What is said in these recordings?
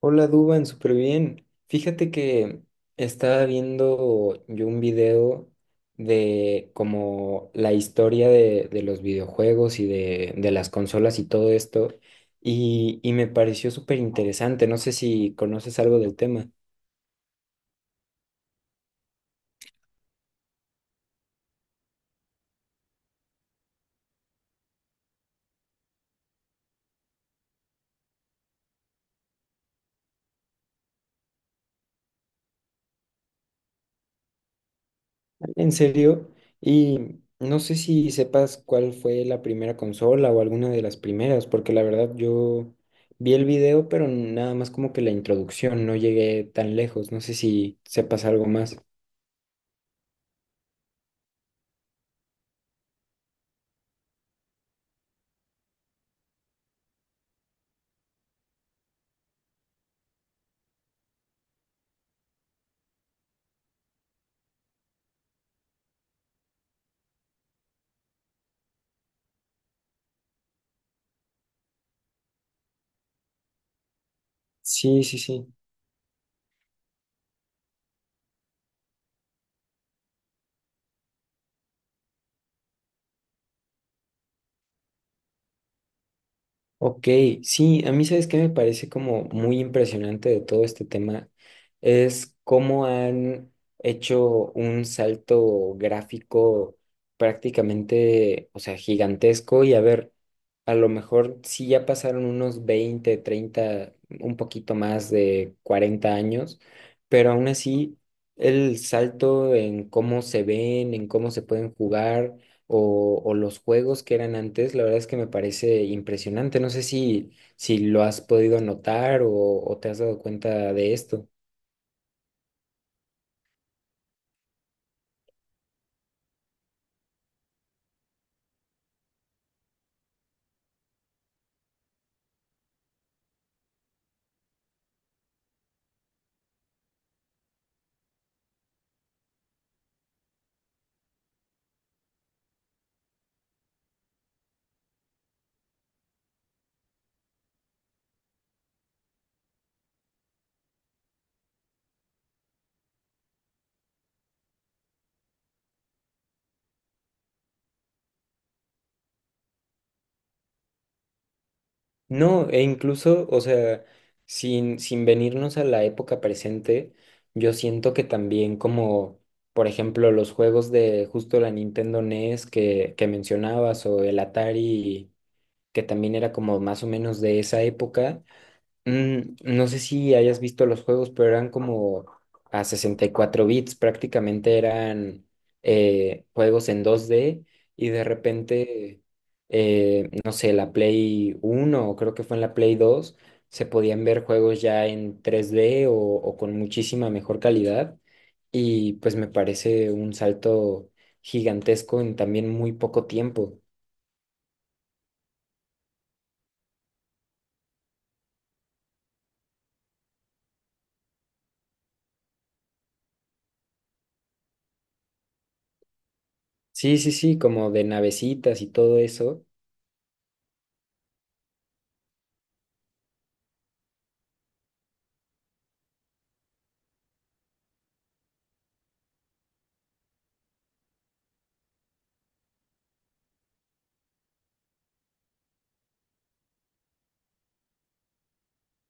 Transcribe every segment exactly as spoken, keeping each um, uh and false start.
Hola Duban, súper bien. Fíjate que estaba viendo yo un video de como la historia de, de los videojuegos y de, de las consolas y todo esto y, y me pareció súper interesante. No sé si conoces algo del tema. En serio, y no sé si sepas cuál fue la primera consola o alguna de las primeras, porque la verdad yo vi el video, pero nada más como que la introducción, no llegué tan lejos, no sé si sepas algo más. Sí, sí, sí. Ok, sí, a mí sabes qué me parece como muy impresionante de todo este tema es cómo han hecho un salto gráfico prácticamente, o sea, gigantesco y a ver, a lo mejor sí ya pasaron unos veinte, treinta, un poquito más de cuarenta años, pero aún así el salto en cómo se ven, en cómo se pueden jugar o, o los juegos que eran antes, la verdad es que me parece impresionante. No sé si, si lo has podido notar o, o te has dado cuenta de esto. No, e incluso, o sea, sin, sin venirnos a la época presente, yo siento que también como, por ejemplo, los juegos de justo la Nintendo N E S que, que mencionabas o el Atari, que también era como más o menos de esa época. Mm, no sé si hayas visto los juegos, pero eran como a sesenta y cuatro bits, prácticamente eran eh, juegos en dos d y de repente, eh, no sé, la Play uno o creo que fue en la Play dos se podían ver juegos ya en tres d o, o con muchísima mejor calidad y pues me parece un salto gigantesco en también muy poco tiempo. Sí, sí, sí, como de navecitas y todo eso.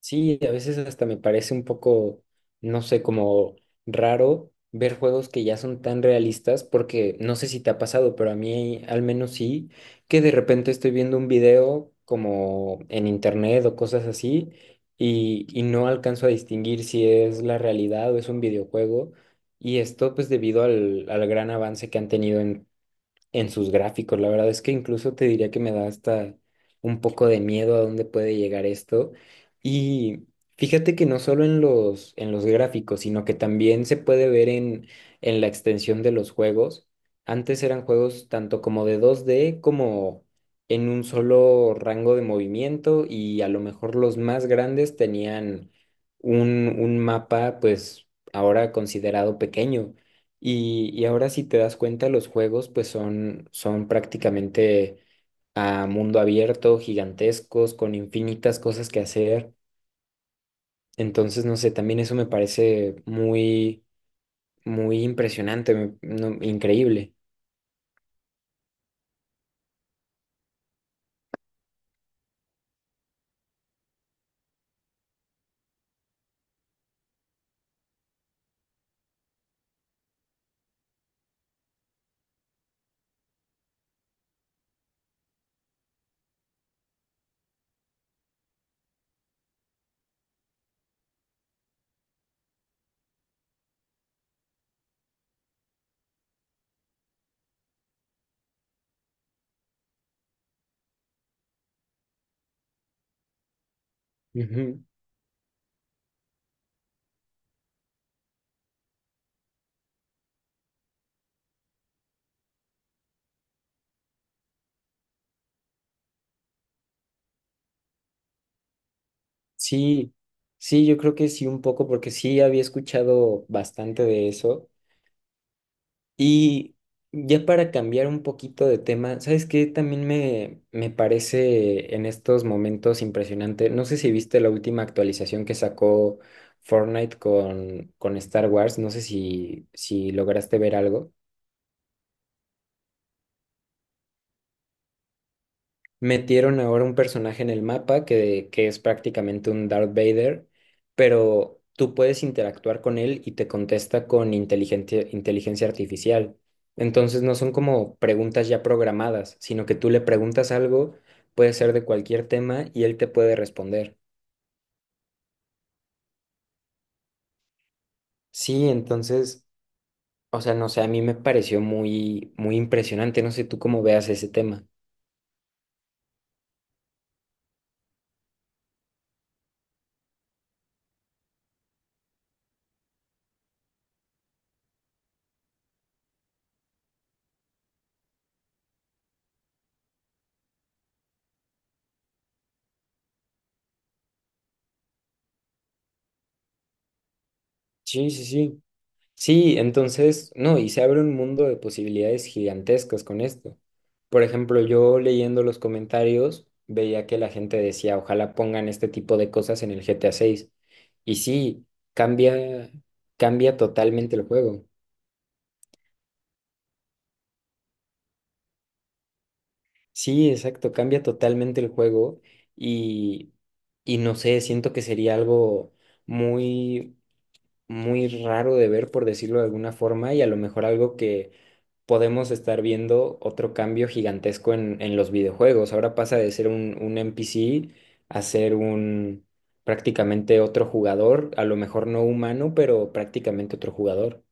Sí, a veces hasta me parece un poco, no sé, como raro ver juegos que ya son tan realistas, porque no sé si te ha pasado, pero a mí al menos sí, que de repente estoy viendo un video como en internet o cosas así, y, y no alcanzo a distinguir si es la realidad o es un videojuego, y esto pues debido al, al gran avance que han tenido en sus gráficos. La verdad es que incluso te diría que me da hasta un poco de miedo a dónde puede llegar esto. Y fíjate que no solo en los, en los gráficos, sino que también se puede ver en, en la extensión de los juegos. Antes eran juegos tanto como de dos d como en un solo rango de movimiento y a lo mejor los más grandes tenían un, un mapa pues ahora considerado pequeño. Y, y ahora si te das cuenta, los juegos pues son, son prácticamente a mundo abierto, gigantescos, con infinitas cosas que hacer. Entonces, no sé, también eso me parece muy, muy impresionante, me- no, increíble. Ujú. Sí, sí, yo creo que sí un poco, porque sí había escuchado bastante de eso. Y ya para cambiar un poquito de tema, ¿sabes qué? También me, me parece en estos momentos impresionante. No sé si viste la última actualización que sacó Fortnite con, con Star Wars. No sé si, si lograste ver algo. Metieron ahora un personaje en el mapa que, que es prácticamente un Darth Vader, pero tú puedes interactuar con él y te contesta con inteligente inteligencia artificial. Entonces no son como preguntas ya programadas, sino que tú le preguntas algo, puede ser de cualquier tema y él te puede responder. Sí, entonces, o sea, no sé, a mí me pareció muy, muy impresionante. No sé tú cómo veas ese tema. Sí, sí, sí. Sí, entonces, no, y se abre un mundo de posibilidades gigantescas con esto. Por ejemplo, yo leyendo los comentarios veía que la gente decía, ojalá pongan este tipo de cosas en el G T A seis. Y sí, cambia, cambia totalmente el juego. Sí, exacto, cambia totalmente el juego y, y no sé, siento que sería algo muy, muy raro de ver, por decirlo de alguna forma, y a lo mejor algo que podemos estar viendo otro cambio gigantesco en, en los videojuegos. Ahora pasa de ser un, un N P C a ser un prácticamente otro jugador, a lo mejor no humano, pero prácticamente otro jugador.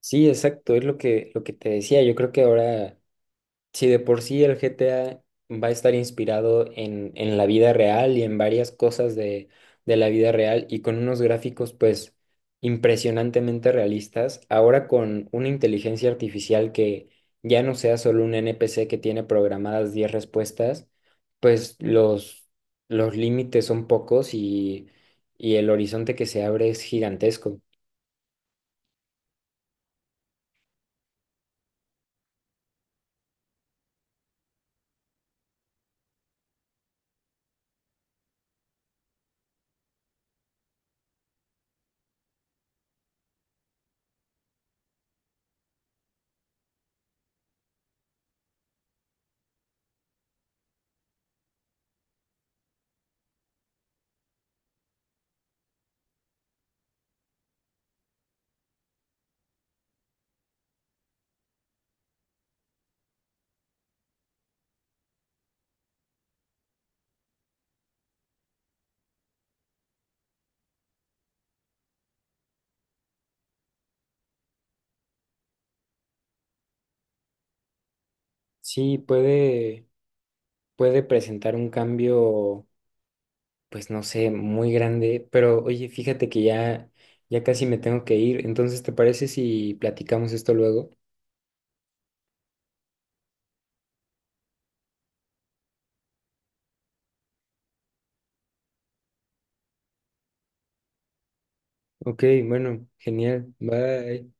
Sí, exacto, es lo que, lo que te decía. Yo creo que ahora si de por sí el G T A va a estar inspirado en, en la vida real y en varias cosas de, de la vida real y con unos gráficos pues impresionantemente realistas, ahora con una inteligencia artificial que ya no sea solo un N P C que tiene programadas diez respuestas, pues los, los límites son pocos y, y el horizonte que se abre es gigantesco. Sí, puede, puede presentar un cambio pues no sé, muy grande, pero oye, fíjate que ya, ya casi me tengo que ir, entonces, ¿te parece si platicamos esto luego? Ok, bueno, genial, bye.